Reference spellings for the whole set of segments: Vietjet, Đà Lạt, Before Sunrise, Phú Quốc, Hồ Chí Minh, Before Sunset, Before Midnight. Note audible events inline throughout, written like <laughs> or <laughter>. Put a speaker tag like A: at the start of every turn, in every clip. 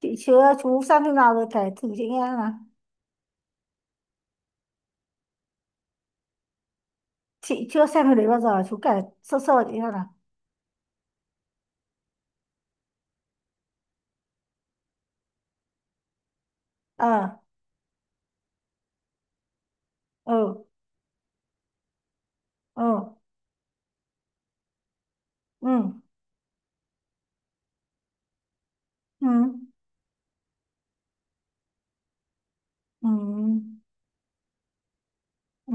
A: Chị chưa, chú xem phim nào rồi kể thử chị nghe xem nào. Chị chưa xem phim đấy bao giờ, chú kể sơ sơ chị xem nào. Ờ. Ừ. Ừ. Ừ. Ừ. Ừ. Ừ.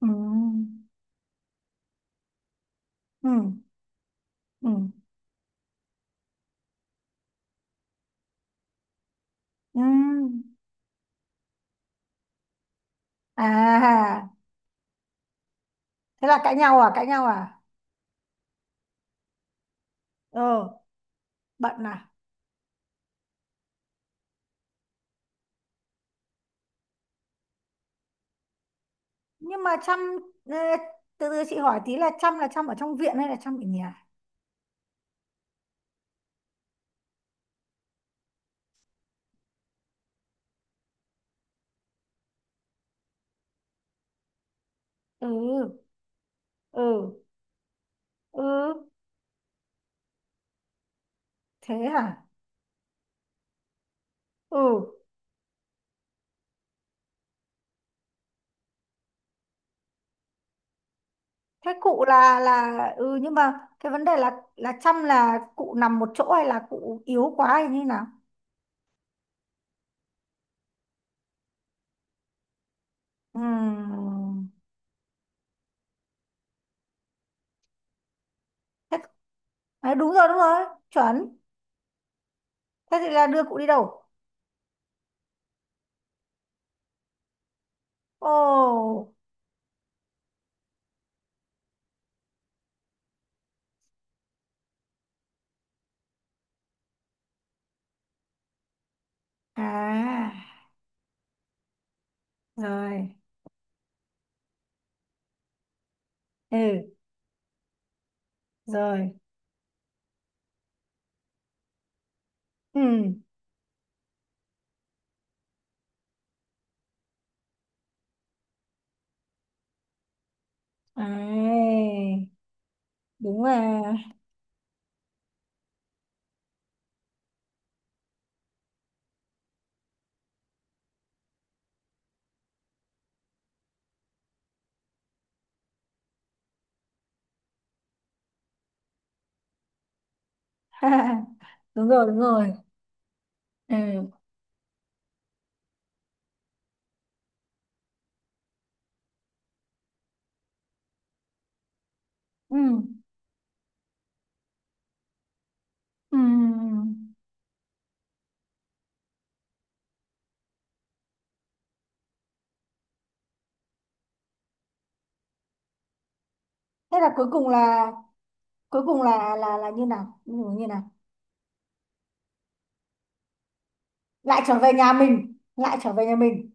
A: Ừ. Ừ. Ừ. Ừ. À, thế là cãi nhau à? Cãi nhau à? Ờ, bận à? Nhưng mà chăm... Ê, từ từ, chị hỏi tí là chăm ở trong viện hay là chăm ở nhà? Ừ. Ừ. Ừ. Thế hả? Ừ. Thế cụ là, ừ, nhưng mà cái vấn đề là chăm là cụ nằm một chỗ hay là cụ yếu quá hay như nào? Ừm. Thế, đấy, đúng rồi, đúng rồi, chuẩn. Thế thì là đưa cụ đi đâu? Ồ. À. Rồi. Ừ. Rồi. Ừ. Ấy, đúng rồi. <laughs> Đúng rồi, đúng rồi. Ừ. Ừ. Ừ. Thế là cuối cùng là như nào? Như như nào? Lại trở về nhà mình, lại trở về nhà mình.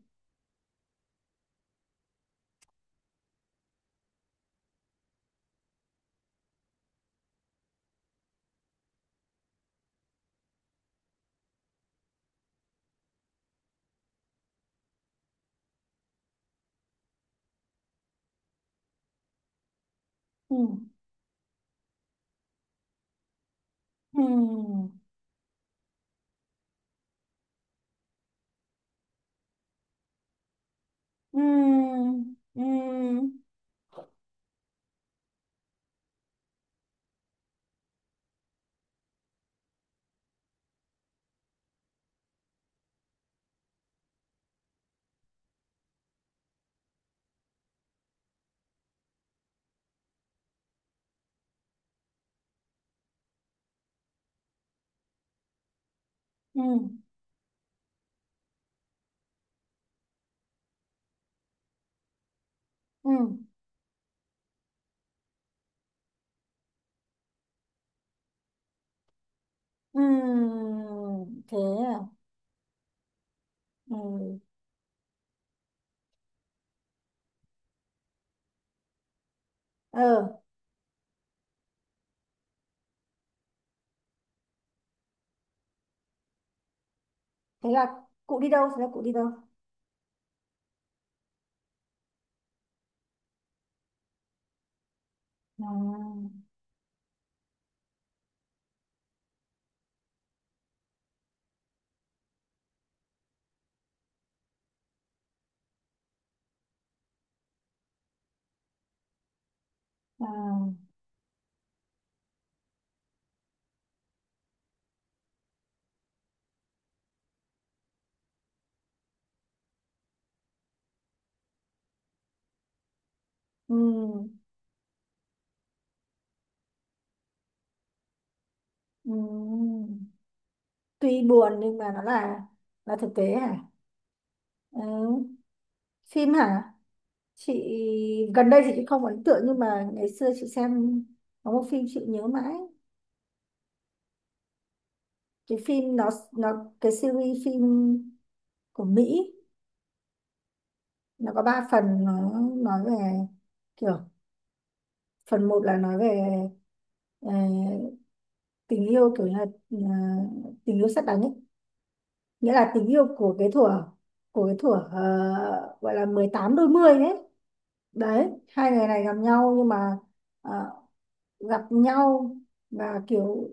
A: Ừ. Ừ. Ừ. Ừ. Ừ. Ừ. Ừ. Thế à? Ừ. Ờ, thế là cụ đi đâu? Thế là cụ đi đâu? À. À. Ừ. Ừ. Tuy buồn nhưng mà nó là thực tế hả. Ừ. Phim hả? Chị... Gần đây thì chị không ấn tượng nhưng mà ngày xưa chị xem có một phim chị nhớ mãi. Cái phim nó, cái series phim của Mỹ, nó có ba phần. Nó nói về kiểu phần một là nói về ờ, tình yêu, kiểu như là ờ, tình yêu sét đánh ấy. Nghĩa là tình yêu của cái thuở gọi là 18 đôi mươi ấy. Đấy, hai người này gặp nhau nhưng mà ờ, gặp nhau và kiểu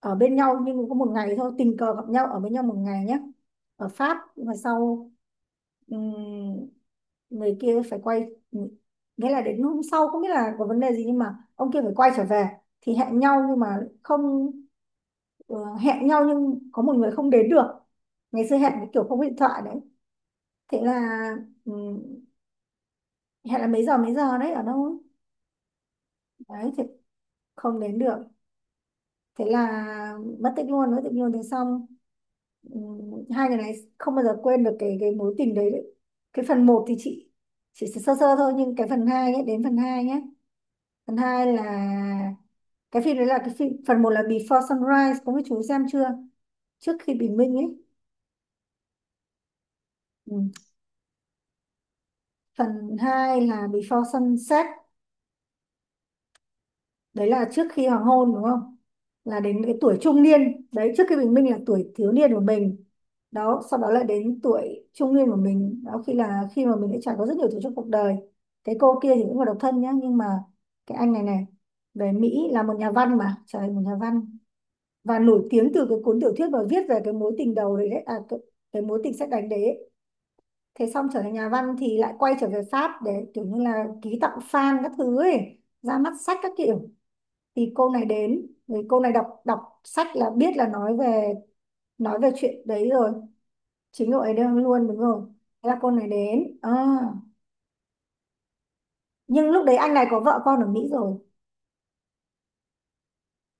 A: ở bên nhau. Nhưng có một ngày thôi, tình cờ gặp nhau ở bên nhau một ngày nhé, ở Pháp. Nhưng mà sau người kia phải quay... Nghĩa là đến hôm sau không biết là có vấn đề gì nhưng mà ông kia phải quay trở về. Thì hẹn nhau nhưng mà không, hẹn nhau nhưng có một người không đến được. Ngày xưa hẹn cái kiểu không có điện thoại đấy. Thế là ừm, hẹn là mấy giờ đấy, ở đâu ấy. Đấy thì không đến được, thế là mất tích luôn, mất tích luôn. Thế xong hai người này không bao giờ quên được cái mối tình đấy, đấy. Cái phần một thì chị chỉ sơ sơ thôi, nhưng cái phần 2 ấy, đến phần 2 nhé. Phần hai là Cái phim đấy là cái phim phần một là Before Sunrise, có mấy chú xem chưa? Trước khi bình minh ấy. Ừ. Phần 2 là Before Sunset, đấy là trước khi hoàng hôn, đúng không? Là đến cái tuổi trung niên đấy. Trước khi bình minh là tuổi thiếu niên của mình. Đó, sau đó lại đến tuổi trung niên của mình, đó khi là khi mà mình đã trải qua rất nhiều thứ trong cuộc đời. Cái cô kia thì cũng là độc thân nhá, nhưng mà cái anh này này về Mỹ là một nhà văn, mà trời ơi, một nhà văn. Và nổi tiếng từ cái cuốn tiểu thuyết mà viết về cái mối tình đầu đấy, đấy à, cái mối tình sét đánh đấy. Thế xong trở thành nhà văn thì lại quay trở về Pháp để kiểu như là ký tặng fan các thứ ấy, ra mắt sách các kiểu. Thì cô này đến, thì cô này đọc đọc sách là biết là nói về chuyện đấy rồi. Chính cậu ấy đang luôn, đúng rồi. Thế là cô này đến, à. Nhưng lúc đấy anh này có vợ con ở Mỹ rồi.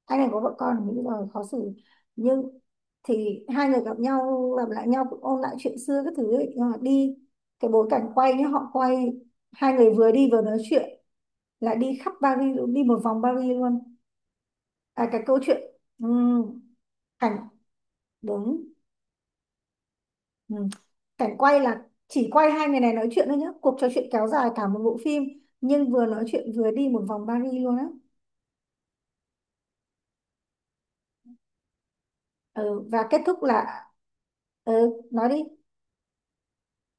A: Anh này có vợ con ở Mỹ rồi, khó xử. Nhưng thì hai người gặp lại nhau cũng ôn lại chuyện xưa các thứ ấy. Nhưng mà đi... Cái bối cảnh quay nhá, họ quay hai người vừa đi vừa nói chuyện, lại đi khắp Paris luôn, đi một vòng Paris luôn. À, cái câu chuyện, ừm, cảnh, đúng. ừm, Cảnh quay là chỉ quay hai người này nói chuyện thôi nhá, cuộc trò chuyện kéo dài cả một bộ phim. Nhưng vừa nói chuyện vừa đi một vòng Paris luôn á. Ừ, và kết thúc là... Ừ, nói đi.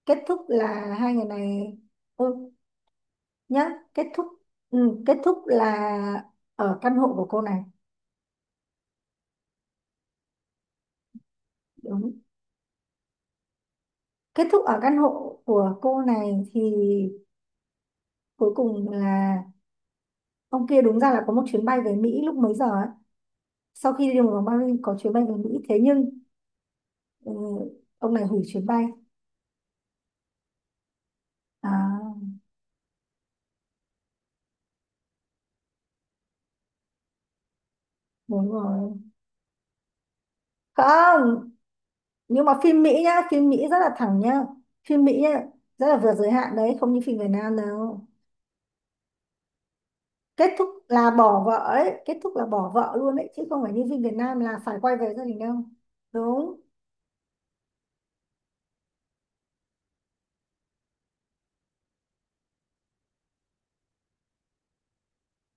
A: Kết thúc là hai người này... Ừ, nhá, kết thúc... Ừ, kết thúc là ở căn hộ của cô này. Đúng. Kết thúc ở căn hộ của cô này thì cuối cùng là... Ông kia đúng ra là có một chuyến bay về Mỹ lúc mấy giờ ấy. Sau khi đi một vòng Paris có chuyến bay về Mỹ, thế nhưng ừ, ông này hủy chuyến bay. À, đúng rồi. Không, nhưng mà phim Mỹ nhá, phim Mỹ rất là thẳng nhá. Phim Mỹ nhá, rất là vượt giới hạn đấy, không như phim Việt Nam đâu. Kết thúc là bỏ vợ ấy, kết thúc là bỏ vợ luôn đấy, chứ không phải như phim Việt Nam là phải quay về gia đình đâu. Đúng.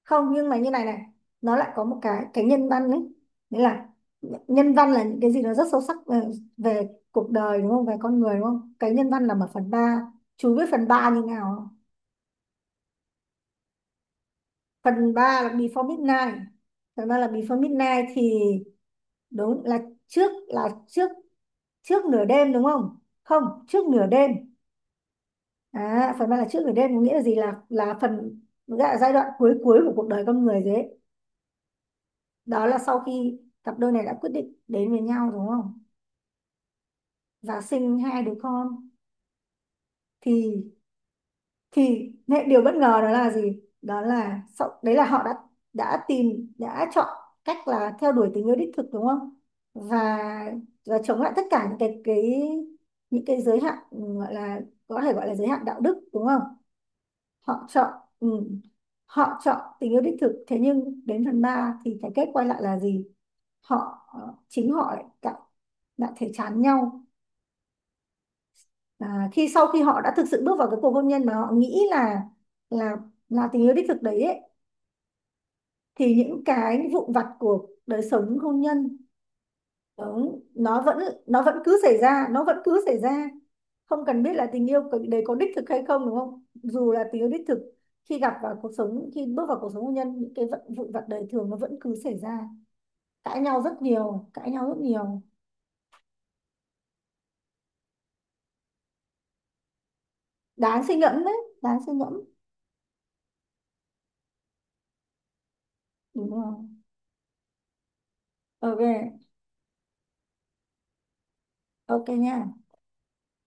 A: Không, nhưng mà như này này, nó lại có một cái nhân văn đấy, nghĩa là... Nhân văn là những cái gì nó rất sâu sắc về cuộc đời, đúng không, về con người, đúng không. Cái nhân văn là một phần ba. Chú biết phần ba như nào không? phần ba là before midnight Phần ba là Before Midnight thì... Đúng, là trước, là trước trước nửa đêm, đúng không? Không, trước nửa đêm. À, phần ba là trước nửa đêm có nghĩa là gì, là phần, gọi là giai đoạn cuối cuối của cuộc đời con người thế. Đó là sau khi cặp đôi này đã quyết định đến với nhau, đúng không, và sinh hai đứa con, thì thì điều bất ngờ đó là gì, đó là sau, đấy là họ đã tìm, đã chọn cách là theo đuổi tình yêu đích thực, đúng không. Và và chống lại tất cả những cái giới hạn, gọi là, có thể gọi là giới hạn đạo đức, đúng không. Họ chọn, ừ, họ chọn tình yêu đích thực. Thế nhưng đến phần 3 thì cái kết quay lại là gì, họ, chính họ lại đã thấy chán nhau. À, khi sau khi họ đã thực sự bước vào cái cuộc hôn nhân mà họ nghĩ là là tình yêu đích thực đấy ấy, thì những cái vụn vặt của đời sống hôn nhân, đúng, nó vẫn cứ xảy ra, nó vẫn cứ xảy ra. Không cần biết là tình yêu đấy có đích thực hay không, đúng không, dù là tình yêu đích thực. Khi gặp vào cuộc sống, khi bước vào cuộc sống hôn nhân, những cái vận vụn vặt đời thường nó vẫn cứ xảy ra. Cãi nhau rất nhiều, cãi nhau rất nhiều. Đáng suy ngẫm đấy. Đáng suy ngẫm. Đúng không? OK. OK nha.